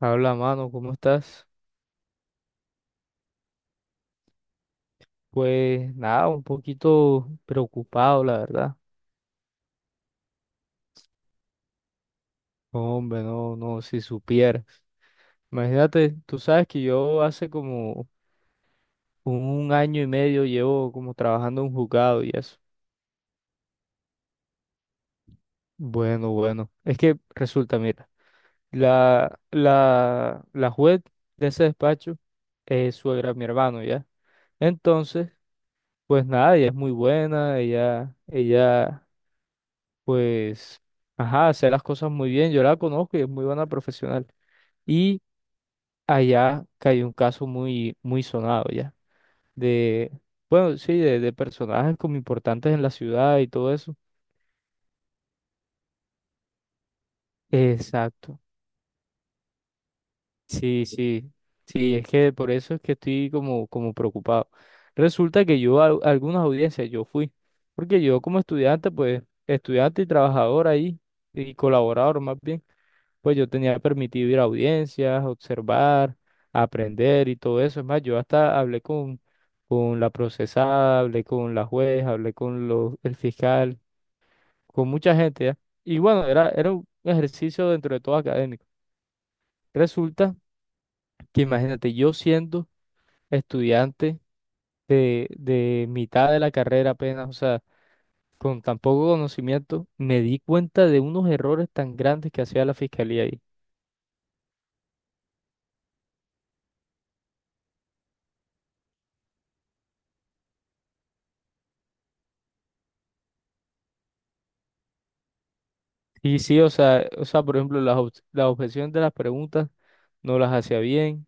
Habla, mano, ¿cómo estás? Pues nada, un poquito preocupado, la verdad. Hombre, no, no, si supieras. Imagínate, tú sabes que yo hace como un año y medio llevo como trabajando en un juzgado y eso. Bueno, bueno. Es que resulta, mira, la juez de ese despacho es suegra de mi hermano, ¿ya? Entonces, pues nada, ella es muy buena, ella pues, ajá, hacer las cosas muy bien. Yo la conozco y es muy buena profesional. Y allá cayó un caso muy, muy sonado ya, de, bueno, sí, de personajes como importantes en la ciudad y todo eso. Exacto. Sí, sí, sí, es que por eso es que estoy como, como preocupado. Resulta que yo a algunas audiencias yo fui, porque yo como estudiante, pues, estudiante y trabajador ahí, y colaborador más bien. Pues yo tenía permitido ir a audiencias, observar, aprender y todo eso. Es más, yo hasta hablé con la procesada, hablé con la juez, hablé con los, el fiscal, con mucha gente, ¿ya? Y bueno, era un ejercicio dentro de todo académico. Resulta que imagínate, yo siendo estudiante de mitad de la carrera apenas, o sea, con tan poco conocimiento, me di cuenta de unos errores tan grandes que hacía la fiscalía ahí. Y sí, o sea, por ejemplo, las, ob- las objeciones de las preguntas no las hacía bien.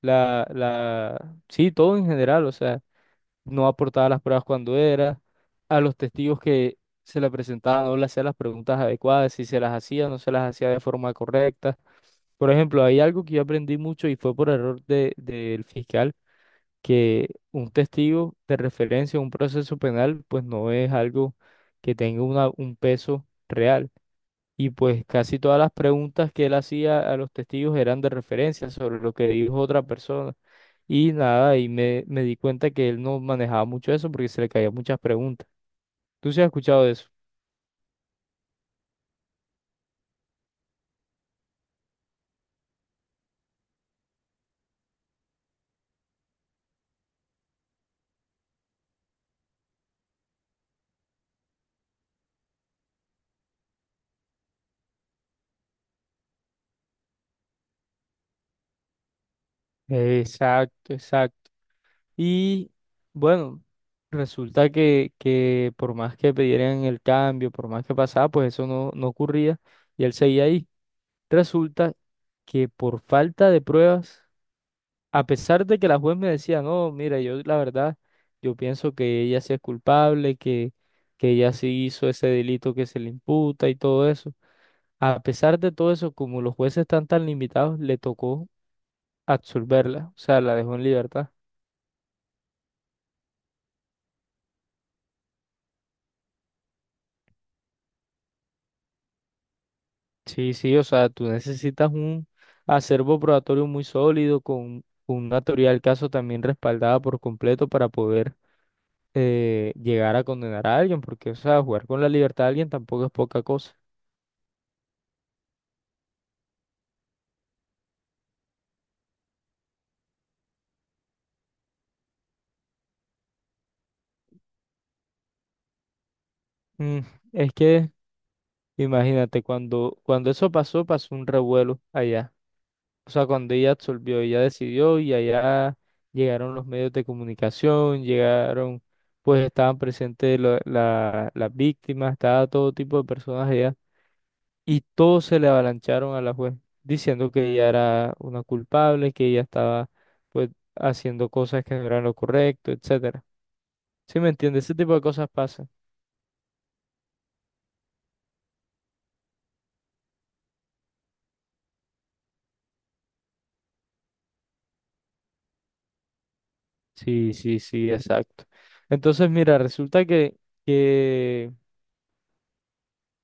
Sí, todo en general, o sea, no aportaba las pruebas cuando era. A los testigos que se le presentaban no le hacía las preguntas adecuadas, si se las hacía, no se las hacía de forma correcta. Por ejemplo, hay algo que yo aprendí mucho y fue por error de, del fiscal, que un testigo de referencia a un proceso penal, pues no es algo que tenga una, un peso real. Y pues casi todas las preguntas que él hacía a los testigos eran de referencia sobre lo que dijo otra persona. Y nada, y me di cuenta que él no manejaba mucho eso porque se le caían muchas preguntas. ¿Tú sí has escuchado de eso? Exacto, exacto. Y bueno, resulta que por más que pidieran el cambio, por más que pasaba, pues eso no, no ocurría y él seguía ahí. Resulta que por falta de pruebas, a pesar de que la juez me decía, no, mira, yo la verdad, yo pienso que ella sí es culpable, que ella sí hizo ese delito que se le imputa y todo eso. A pesar de todo eso, como los jueces están tan limitados, le tocó absolverla, o sea, la dejó en libertad. Sí, sí, o sea, tú necesitas un acervo probatorio muy sólido, con una teoría del caso también respaldada por completo para poder llegar a condenar a alguien, porque, o sea, jugar con la libertad de alguien tampoco es poca cosa. Mm, es que imagínate, cuando, cuando eso pasó, pasó un revuelo allá. O sea, cuando ella absolvió, ella decidió y allá llegaron los medios de comunicación, llegaron, pues estaban presentes lo- la- las víctimas, estaba todo tipo de personas allá. Y todos se le avalancharon a la juez, diciendo que ella era una culpable, que ella estaba, pues, haciendo cosas que no eran lo correcto, etcétera. ¿Sí me entiendes? Ese tipo de cosas pasan. Sí, sí, sí, exacto. Entonces, mira, resulta que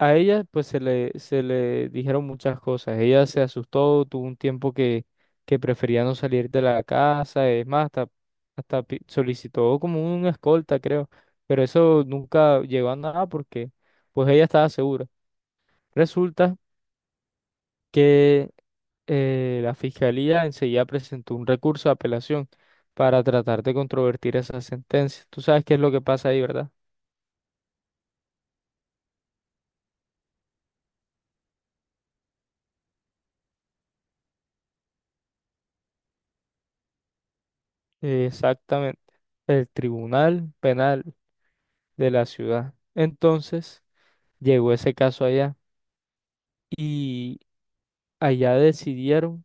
a ella pues se le dijeron muchas cosas. Ella se asustó, tuvo un tiempo que prefería no salir de la casa, es más, hasta, hasta pi- solicitó como una escolta, creo, pero eso nunca llegó a nada porque pues ella estaba segura. Resulta que la fiscalía enseguida presentó un recurso de apelación para tratar de controvertir esa sentencia. Tú sabes qué es lo que pasa ahí, ¿verdad? Exactamente. El Tribunal Penal de la ciudad. Entonces llegó ese caso allá y allá decidieron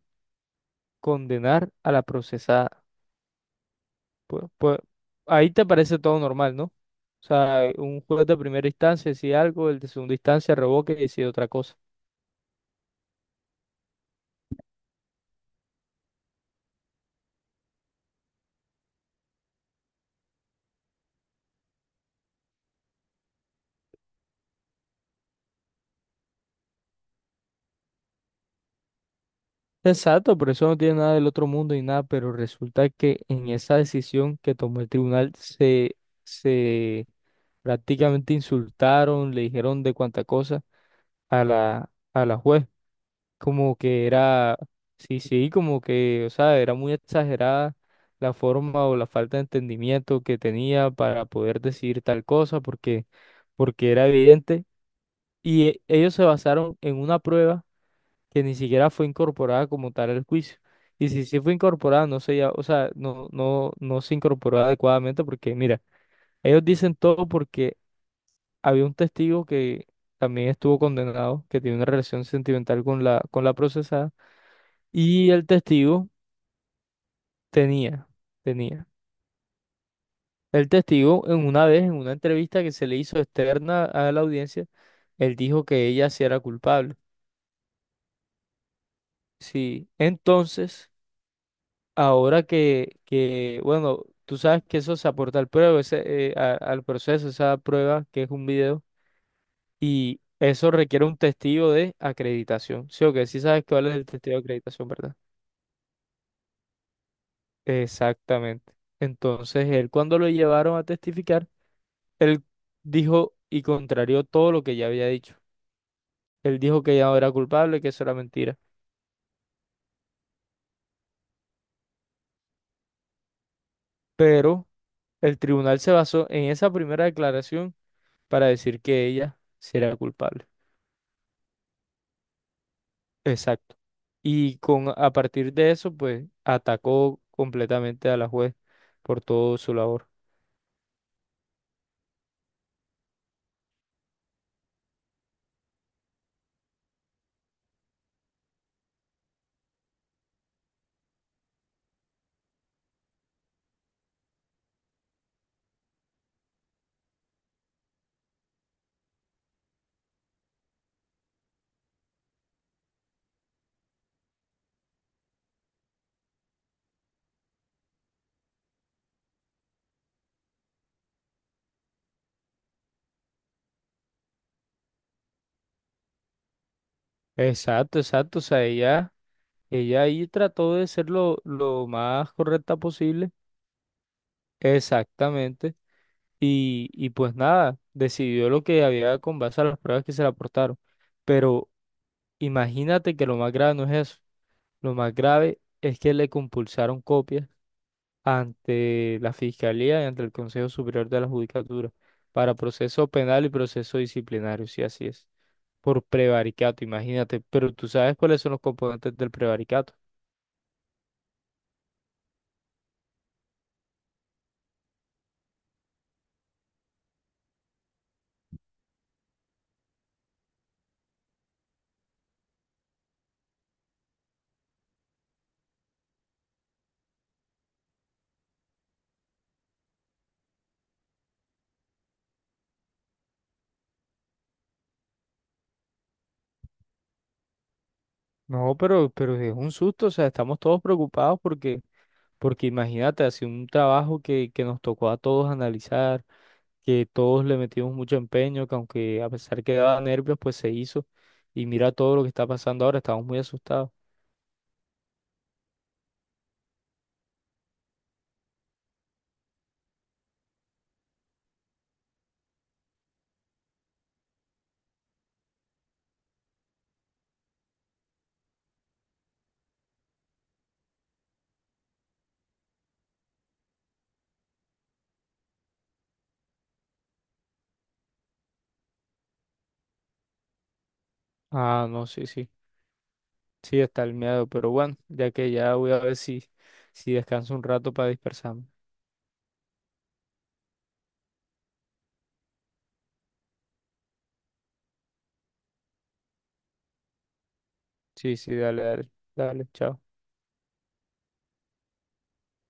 condenar a la procesada. Pues, pues, ahí te parece todo normal, ¿no? O sea, un juez de primera instancia decide algo, el de segunda instancia revoca y decide otra cosa. Exacto, por eso no tiene nada del otro mundo y nada, pero resulta que en esa decisión que tomó el tribunal se, se prácticamente insultaron, le dijeron de cuánta cosa a la, a la juez. Como que era, sí, sí, como que, o sea, era muy exagerada la forma o la falta de entendimiento que tenía para poder decir tal cosa, porque, porque era evidente. Y e- ellos se basaron en una prueba que ni siquiera fue incorporada como tal al juicio. Y si sí fue incorporada, no se, ya- o sea, no, no, no se incorporó adecuadamente porque, mira, ellos dicen todo porque había un testigo que también estuvo condenado, que tiene una relación sentimental con la procesada. Y el testigo tenía, tenía. El testigo, en una vez, en una entrevista que se le hizo externa a la audiencia, él dijo que ella sí era culpable. Sí. Entonces, ahora que, bueno, tú sabes que eso se aporta al prueba, ese, a- al proceso, esa prueba que es un video, y eso requiere un testigo de acreditación. Sí, o que sí sabes cuál es el testigo de acreditación, ¿verdad? Exactamente. Entonces, él cuando lo llevaron a testificar, él dijo y contrarió todo lo que ya había dicho. Él dijo que ella no era culpable, que eso era mentira. Pero el tribunal se basó en esa primera declaración para decir que ella sí era culpable. Exacto. Y con, a partir de eso, pues atacó completamente a la juez por todo su labor. Exacto, exacto. O sea, ella ahí trató de ser lo más correcta posible. Exactamente. Y pues nada, decidió lo que había con base a las pruebas que se le aportaron. Pero imagínate que lo más grave no es eso. Lo más grave es que le compulsaron copias ante la Fiscalía y ante el Consejo Superior de la Judicatura para proceso penal y proceso disciplinario, si así es, por prevaricato, imagínate. Pero tú sabes cuáles son los componentes del prevaricato. No, pero es un susto, o sea, estamos todos preocupados porque, porque imagínate, hace un trabajo que nos tocó a todos analizar, que todos le metimos mucho empeño, que aunque a pesar que daba nervios, pues se hizo. Y mira todo lo que está pasando ahora, estamos muy asustados. Ah, no, sí, sí, sí está el miedo, pero bueno, ya que ya voy a ver si, si descanso un rato para dispersarme. Sí, sí, dale, dale, dale, chao.